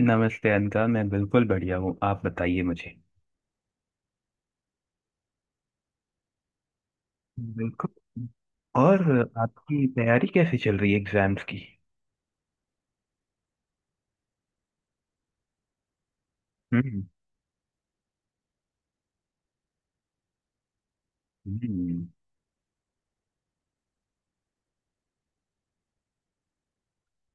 नमस्ते अनका। मैं बिल्कुल बढ़िया हूँ। आप बताइए मुझे। बिल्कुल। और। आपकी तैयारी कैसी चल रही है एग्जाम्स की? हम्म, हम्म,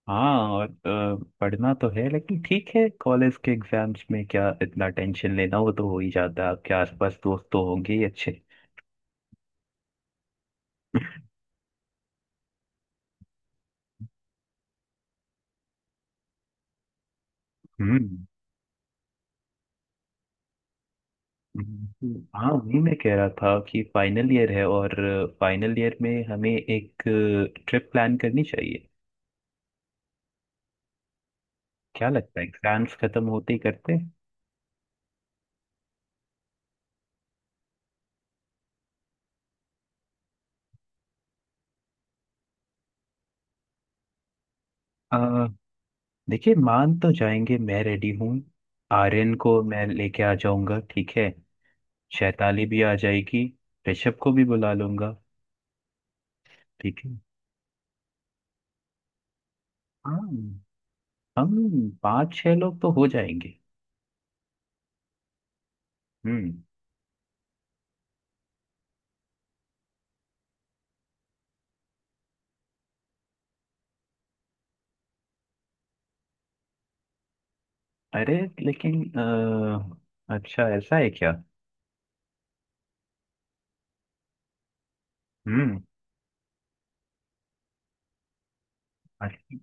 हाँ, और पढ़ना तो है लेकिन ठीक है। कॉलेज के एग्जाम्स में क्या इतना टेंशन लेना, वो तो हो ही जाता है। आपके आसपास दोस्त तो होंगे ही अच्छे। हम्म, हाँ, वही मैं कह रहा था कि फाइनल ईयर है, और फाइनल ईयर में हमें एक ट्रिप प्लान करनी चाहिए। क्या लगता है, एग्जाम्स खत्म होते ही करते हैं? देखिए, मान तो जाएंगे, मैं रेडी हूँ। आर्यन को मैं लेके आ जाऊंगा, ठीक है। शैताली भी आ जाएगी। ऋषभ को भी बुला लूंगा। ठीक है। हाँ। हम पाँच छह लोग तो हो जाएंगे। हम्म। अरे, लेकिन अच्छा, ऐसा है क्या? हम्म। अच्छा।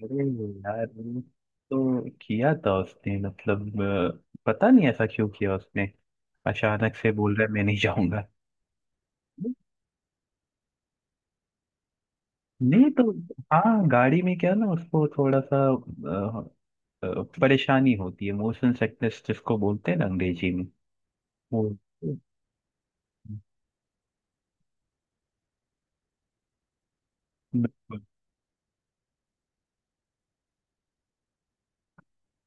अरे यार, वो तो किया था उसने। मतलब पता नहीं ऐसा क्यों किया उसने, अचानक से बोल रहा है मैं नहीं जाऊंगा। नहीं तो। हाँ, गाड़ी में क्या ना, उसको थोड़ा सा परेशानी होती है, मोशन सिकनेस जिसको बोलते हैं ना अंग्रेजी में। वो। बिल्कुल।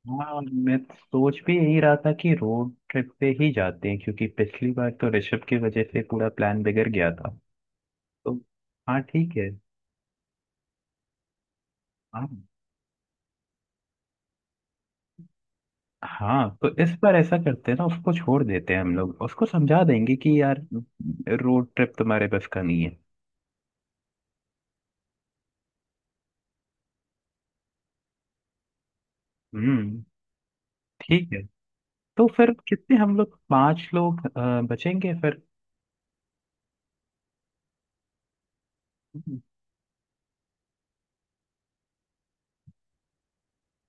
हाँ, मैं सोच भी यही रहा था कि रोड ट्रिप पे ही जाते हैं, क्योंकि पिछली बार तो ऋषभ की वजह से पूरा प्लान बिगड़ गया था। तो। हाँ, ठीक है। हाँ। हाँ, तो इस बार ऐसा करते हैं ना, उसको छोड़ देते हैं। हम लोग उसको समझा देंगे कि यार, रोड ट्रिप तुम्हारे बस का नहीं है। हम्म। ठीक है। तो फिर कितने हम लोग, पांच लोग बचेंगे फिर?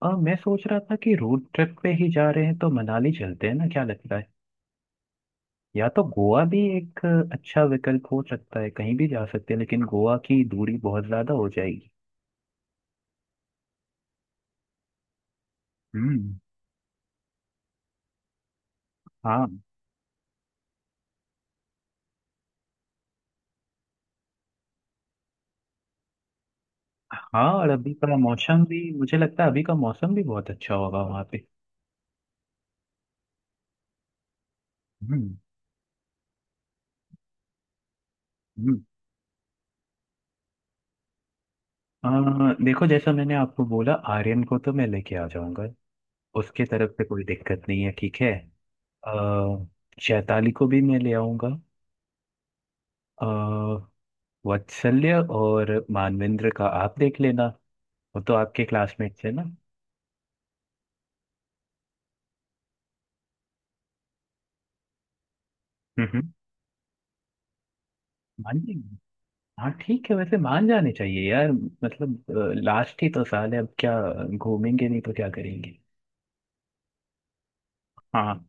मैं सोच रहा था कि रोड ट्रिप पे ही जा रहे हैं, तो मनाली चलते हैं ना, क्या लगता है? या तो गोवा भी एक अच्छा विकल्प हो सकता है, कहीं भी जा सकते हैं, लेकिन गोवा की दूरी बहुत ज्यादा हो जाएगी। हम्म। हाँ। हाँ, और अभी का मौसम भी, मुझे लगता है अभी का मौसम भी बहुत अच्छा होगा वहाँ पे। हम्म, हम्म। देखो, जैसा मैंने आपको बोला, आर्यन को तो मैं लेके आ जाऊंगा। उसके तरफ से कोई दिक्कत नहीं है, ठीक है। अ, शैताली को भी मैं ले आऊंगा। अ, वात्सल्य और मानवेंद्र का आप देख लेना। वो तो आपके क्लासमेट्स है ना। हम्म। हम्म, मान लेंगे। हाँ ठीक है, वैसे मान जाने चाहिए यार। मतलब, लास्ट ही तो साल है अब, क्या घूमेंगे नहीं तो क्या करेंगे? हाँ।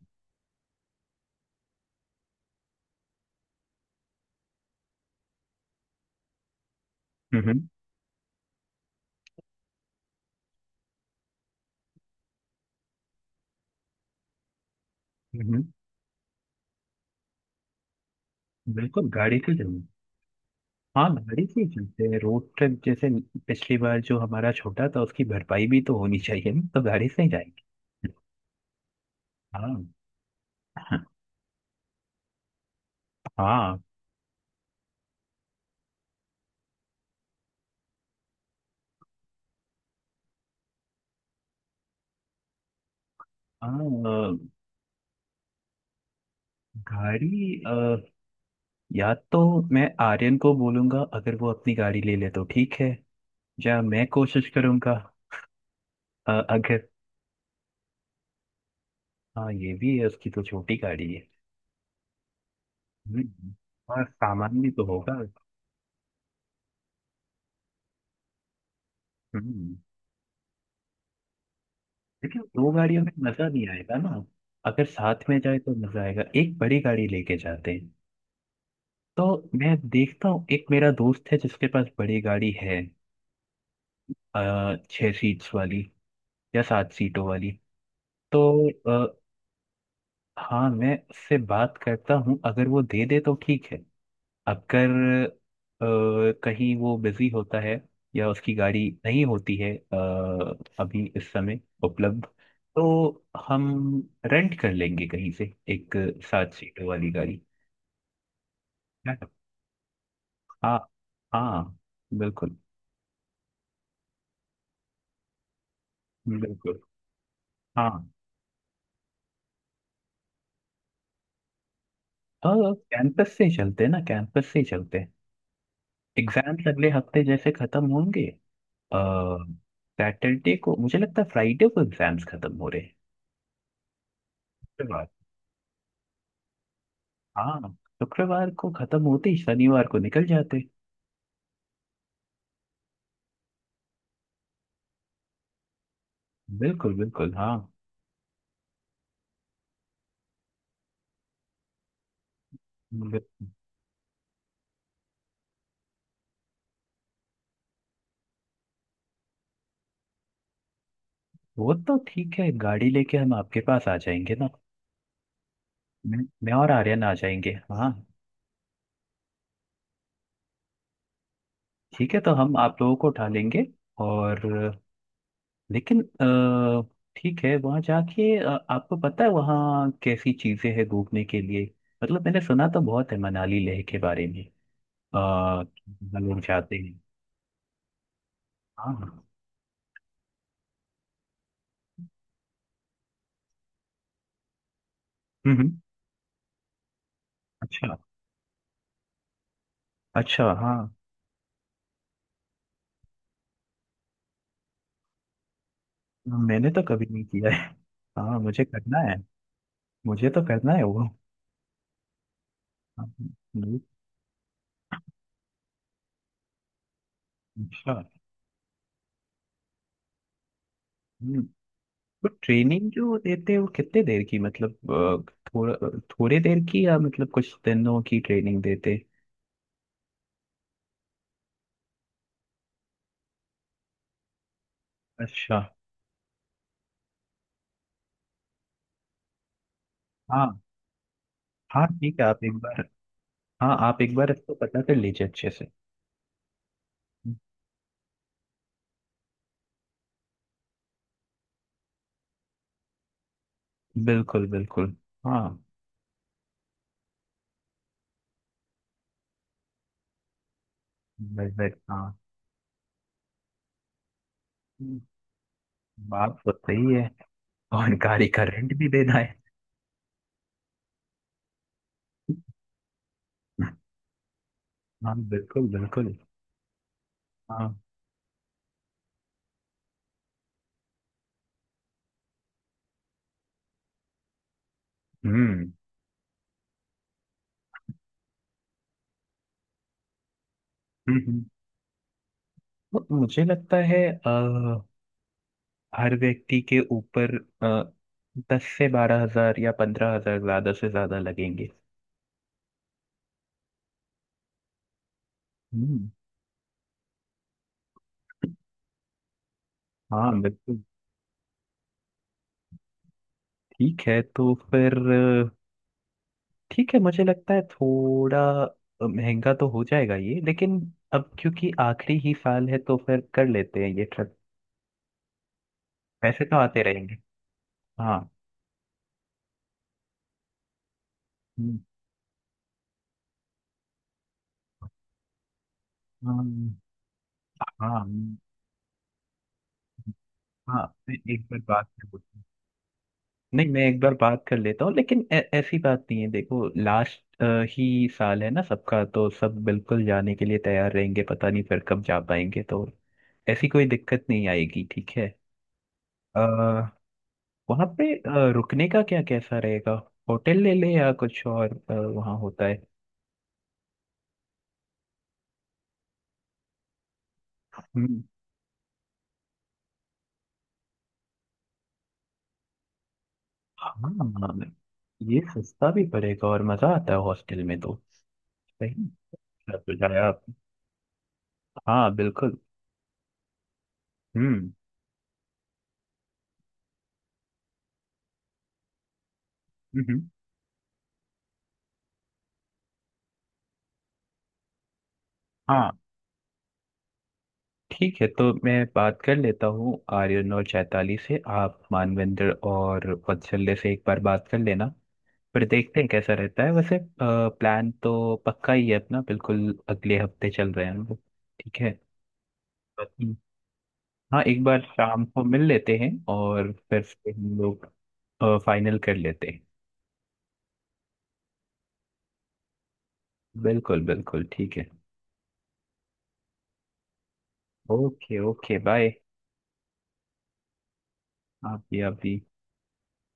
हम्म, हम्म, हम्म, बिल्कुल, गाड़ी से चलेंगे। हाँ, गाड़ी से ही चलते हैं रोड ट्रिप जैसे। पिछली बार जो हमारा छोटा था, उसकी भरपाई भी तो होनी चाहिए ना, तो गाड़ी से ही जाएंगे। हाँ हाँ। हाँ, गाड़ी या तो मैं आर्यन को बोलूंगा, अगर वो अपनी गाड़ी ले ले तो ठीक है। या मैं कोशिश करूंगा। अगर, हाँ, ये भी है, उसकी तो छोटी गाड़ी है। हम्म, और सामान भी तो होगा। हम्म। लेकिन दो गाड़ियों में मजा नहीं आएगा ना। अगर साथ में जाए तो मजा आएगा, एक बड़ी गाड़ी लेके जाते हैं। तो। मैं देखता हूँ, एक मेरा दोस्त है जिसके पास बड़ी गाड़ी है। छह सीट्स वाली या सात सीटों वाली। तो। हाँ, मैं उससे बात करता हूँ, अगर वो दे दे तो ठीक है। अगर अ, कहीं वो बिजी होता है, या उसकी गाड़ी नहीं होती है अभी इस समय उपलब्ध, तो हम रेंट कर लेंगे कहीं से एक सात सीटर वाली गाड़ी। है? हाँ। हाँ, बिल्कुल। बिल्कुल। हाँ। और कैंपस से ही चलते हैं ना, कैंपस से ही चलते हैं। एग्जाम्स अगले हफ्ते जैसे खत्म होंगे। सैटरडे को, मुझे लगता है फ्राइडे को एग्जाम्स खत्म हो रहे हैं। शुक्रवार। हाँ। शुक्रवार को खत्म होते ही शनिवार को निकल जाते। बिल्कुल बिल्कुल, हाँ। बिल्कुल। वो तो ठीक है, गाड़ी लेके हम आपके पास आ जाएंगे ना। मैं और आर्यन आ जाएंगे, हाँ। ठीक है, तो हम आप लोगों को उठा लेंगे। और। लेकिन ठीक है, वहाँ जाके आपको पता है वहाँ कैसी चीजें हैं घूमने के लिए? मतलब मैंने सुना तो बहुत है मनाली लेह के बारे में। आ, लोग जाते हैं। हाँ, हाँ, हम्म, अच्छा। अच्छा, हाँ। मैंने तो कभी नहीं किया है। हाँ, मुझे करना है। मुझे तो करना है वो। हाँ, हम्म, अच्छा। हम्म, तो ट्रेनिंग जो देते हैं वो कितने देर की, मतलब थोड़ा थोड़े देर की या मतलब कुछ दिनों की ट्रेनिंग देते हैं? अच्छा। हाँ हाँ, ठीक है, आप एक बार। हाँ, आप एक बार इसको पता कर लीजिए अच्छे से। बिल्कुल बिल्कुल। हाँ। बिल्कुल। हाँ। हम्म, बात तो सही है। और गाड़ी का रेंट भी देना है। हाँ, बिल्कुल बिल्कुल। हाँ। हम्म, हम्म, हम्म। तो मुझे लगता है हर व्यक्ति के ऊपर अ, 10,000 से 12,000 या 15,000, ज्यादा से ज्यादा लगेंगे। हम्म। हाँ, बिल्कुल। ठीक है तो फिर अ, ठीक है, मुझे लगता है थोड़ा महंगा तो हो जाएगा ये, लेकिन अब क्योंकि आखिरी ही साल है, तो फिर कर लेते हैं ये ट्रिप। पैसे तो आते रहेंगे। हाँ। हम्म, हाँ हाँ। हाँ, मैं एक बार बात कर लेता हूँ। नहीं, मैं एक बार बात कर लेता हूँ, लेकिन ऐसी बात नहीं है। देखो, लास्ट ही साल है ना सबका, तो सब बिल्कुल जाने के लिए तैयार रहेंगे। पता नहीं फिर कब जा पाएंगे, तो ऐसी कोई दिक्कत नहीं आएगी, ठीक है। आ, वहाँ पे रुकने का क्या कैसा रहेगा? होटल ले ले या कुछ और वहाँ होता है? हम्म, हाँ, ये सस्ता भी पड़ेगा और मजा आता है हॉस्टल में तो। सही। अच्छा सुझाया आपने। हाँ बिल्कुल। हम्म, हम्म, हाँ ठीक है, तो मैं बात कर लेता हूँ आर्यन और चैताली से, आप मानवेंद्र और वत्सल्य से एक बार बात कर लेना। फिर देखते हैं कैसा रहता है। वैसे प्लान तो पक्का ही है अपना, बिल्कुल अगले हफ्ते चल रहे हैं हम लोग। ठीक है। हम्म, हाँ, एक बार शाम को मिल लेते हैं और फिर से हम लोग फाइनल कर लेते हैं। बिल्कुल बिल्कुल, ठीक है। Okay okay, bye. आप भी, आप भी।